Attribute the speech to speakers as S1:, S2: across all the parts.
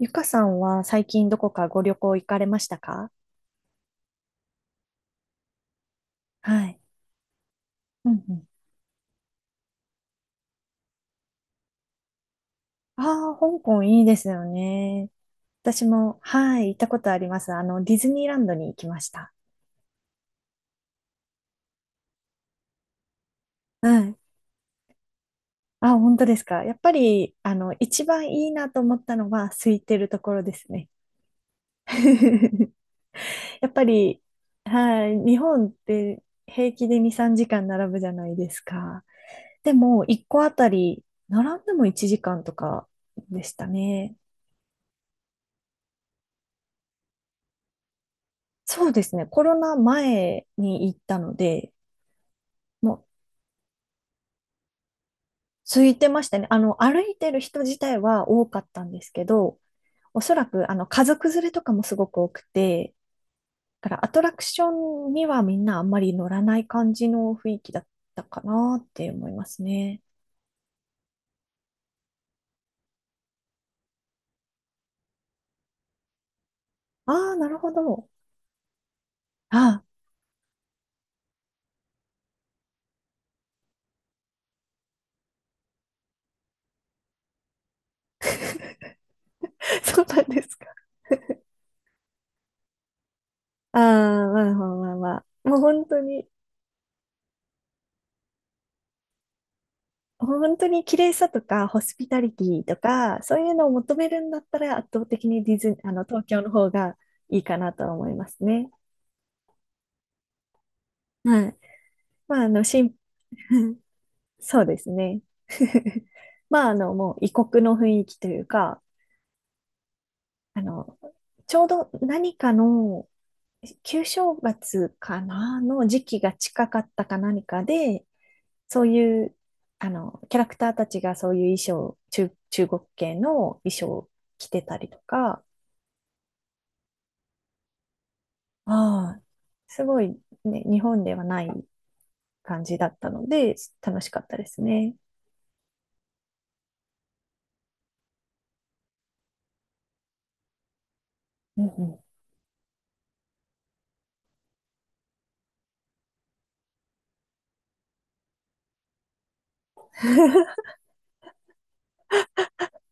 S1: ゆかさんは最近どこかご旅行行かれましたか？はい。うんうん。ああ、香港いいですよね。私も、はい、行ったことあります。ディズニーランドに行きました。はい。あ、本当ですか。やっぱり、一番いいなと思ったのは、空いてるところですね。やっぱり、はい、日本って平気で2、3時間並ぶじゃないですか。でも、1個あたり、並んでも1時間とかでしたね。そうですね。コロナ前に行ったので、もう空いてましたね。歩いてる人自体は多かったんですけど、おそらく、家族連れとかもすごく多くて、だからアトラクションにはみんなあんまり乗らない感じの雰囲気だったかなって思いますね。ああ、なるほど。ああ、そうなんですか。ああ、まあまあまあまあ。もう本当に本当に綺麗さとか、ホスピタリティとか、そういうのを求めるんだったら、圧倒的にディズニー、東京の方がいいかなとは思いますね。はい。まあ、そうですね。まあ、もう異国の雰囲気というか、あの、ちょうど何かの旧正月かなの時期が近かったか何かで、そういう、キャラクターたちがそういう衣装、中国系の衣装を着てたりとか、ああ、すごいね、日本ではない感じだったので、楽しかったですね。うんうん。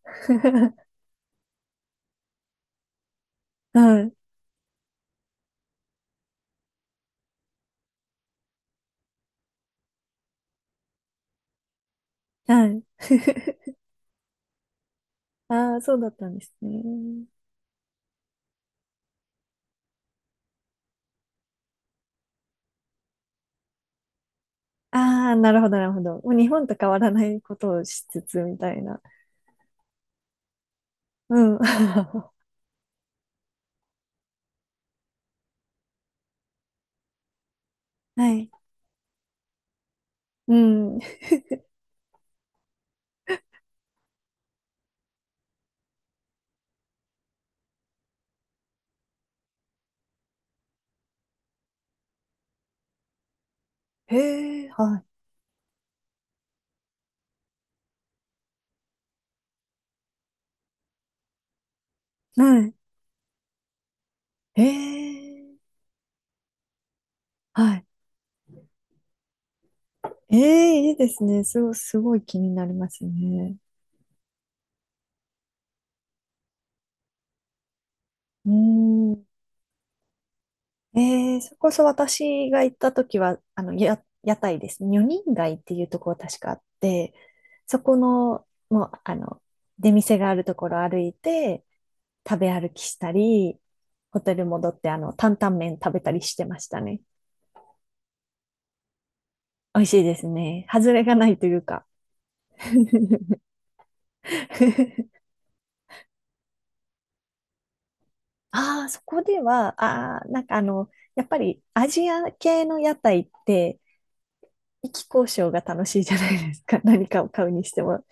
S1: はい、はい。ああ、そうだったんですね。ああ、なるほど、なるほど。もう日本と変わらないことをしつつみたいな。うん。はい。うん。へえ、はい。はい。へえ、はい。ええ、いいですね。すごい、すごい気になりますね。うーん。えそれこそ私が行った時は、屋台ですね。女人街っていうところ確かあって、そこの、もう、出店があるところ歩いて、食べ歩きしたり、ホテル戻って、担々麺食べたりしてましたね。美味しいですね。外れがないというか。ああ、そこでは、ああ、なんかやっぱりアジア系の屋台って、意気交渉が楽しいじゃないですか。何かを買うにしても。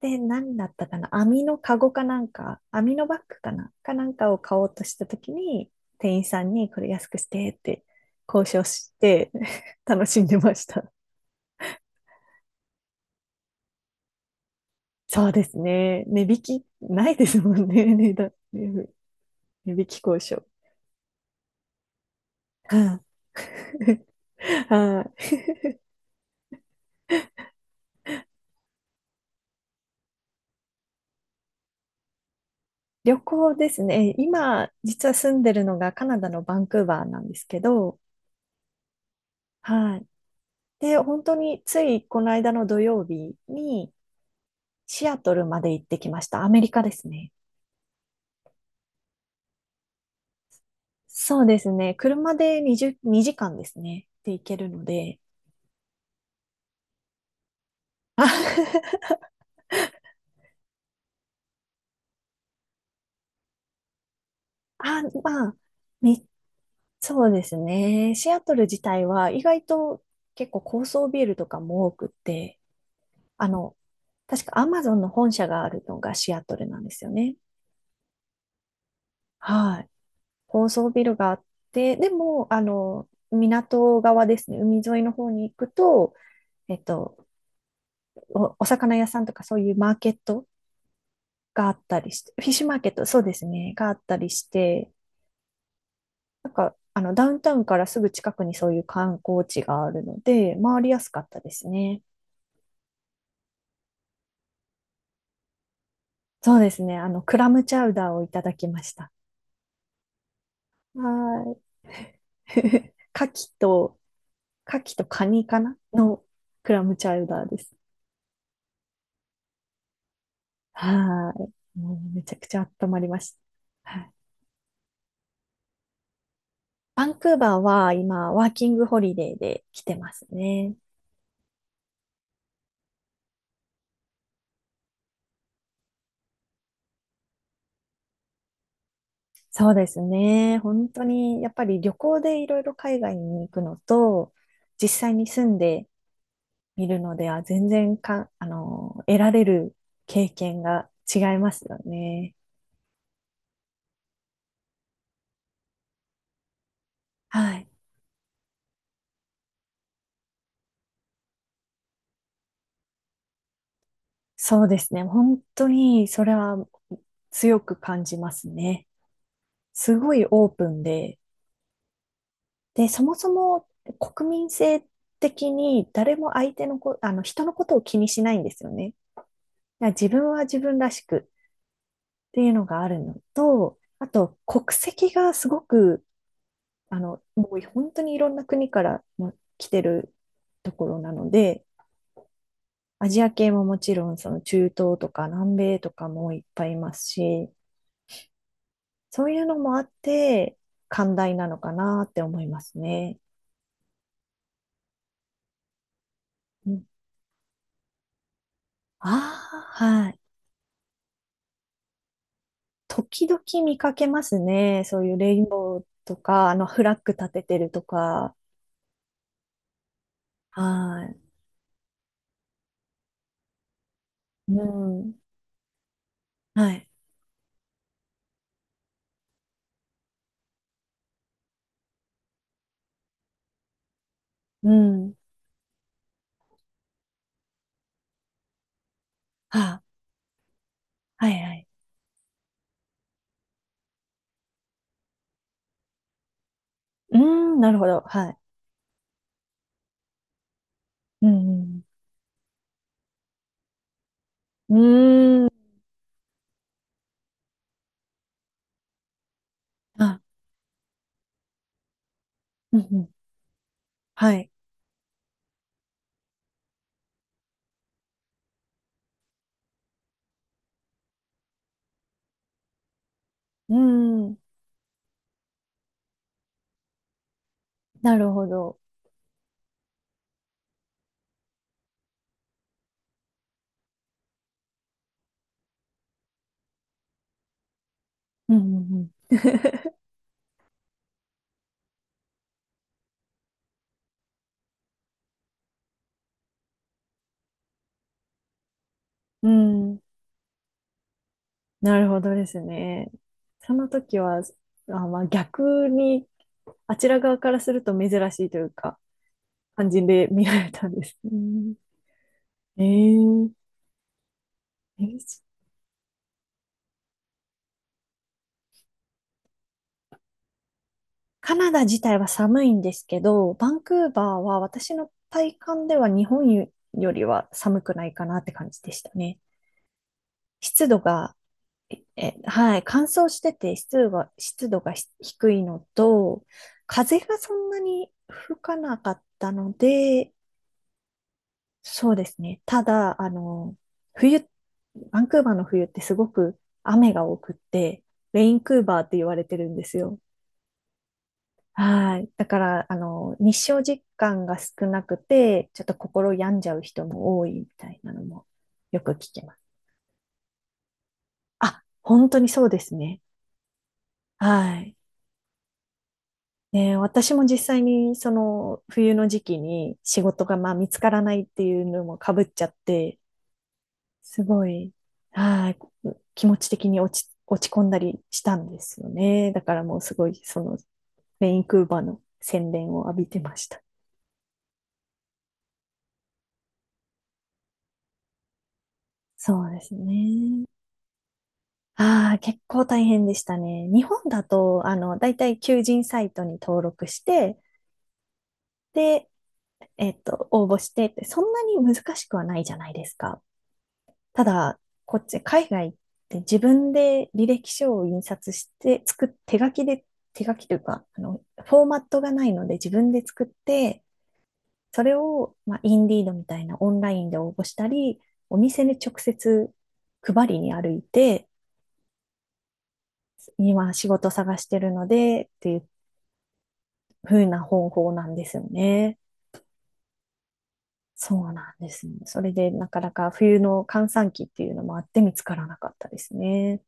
S1: で、何だったかな網のカゴかなんか、網のバッグかなかなんかを買おうとしたときに、店員さんにこれ安くしてって交渉して 楽しんでました。そうですね。値引きないですもんね。値引き交渉。はい。 はあ。旅行ですね。今、実は住んでるのがカナダのバンクーバーなんですけど、はい。で、本当についこの間の土曜日に、シアトルまで行ってきました。アメリカですね。そうですね。車で20、2時間ですね。で行けるので。あ、あまあ、み、そうですね。シアトル自体は意外と結構高層ビルとかも多くって、あの、確かアマゾンの本社があるのがシアトルなんですよね。はい。高層ビルがあって、でも、港側ですね、海沿いの方に行くと、えっと、お魚屋さんとかそういうマーケットがあったりして、フィッシュマーケット、そうですね、があったりして、なんか、ダウンタウンからすぐ近くにそういう観光地があるので、回りやすかったですね。そうですね、クラムチャウダーをいただきました。はーい。牡蠣とカニかなのクラムチャウダーです。はーい。もうめちゃくちゃ温まりました。はい。バンクーバーは今、ワーキングホリデーで来てますね。そうですね。本当に、やっぱり旅行でいろいろ海外に行くのと、実際に住んでみるのでは、全然か、あの、得られる経験が違いますよね。はい。そうですね。本当に、それは強く感じますね。すごいオープンで、で、そもそも国民性的に誰も相手のこ、あの、人のことを気にしないんですよね。だから自分は自分らしくっていうのがあるのと、あと国籍がすごく、もう本当にいろんな国からも来てるところなので、アジア系ももちろんその中東とか南米とかもいっぱいいますし、そういうのもあって寛大なのかなって思いますね。うん、ああ、はい。時々見かけますね。そういうレインボーとか、フラッグ立ててるとか。はい。うん。はい。うん。はあ、はいはい。うーん、なるほど。はい。うんうん。うーん。あ、うんうん。はい。うーん。なるほど。うんうんうん。うーん。なるほどですね。その時は、あ、まあ逆に、あちら側からすると珍しいというか、感じで見られたんです。うん。えー、えーカナダ自体は寒いんですけど、バンクーバーは私の体感では日本よりは寒くないかなって感じでしたね。湿度がはい、乾燥してて湿度が低いのと、風がそんなに吹かなかったので、そうですね。ただ、冬、バンクーバーの冬ってすごく雨が多くって、レインクーバーって言われてるんですよ。はい。だから、日照時間が少なくて、ちょっと心病んじゃう人も多いみたいなのもよく聞きます。あ、本当にそうですね。はい。ねえ、私も実際にその冬の時期に仕事がまあ見つからないっていうのも被っちゃって、すごい、はい、気持ち的に落ち込んだりしたんですよね。だからもうすごいそのメインクーバーの洗練を浴びてました。そうですね。ああ、結構大変でしたね。日本だと、だいたい求人サイトに登録して、で、応募してって、そんなに難しくはないじゃないですか。ただ、こっち、海外って自分で履歴書を印刷して、手書きで、手書きというか、フォーマットがないので自分で作って、それを、まあ、インディードみたいなオンラインで応募したり、お店に直接配りに歩いて、今仕事探してるので、っていう風な方法なんですよね。そうなんですね。それでなかなか冬の閑散期っていうのもあって見つからなかったですね。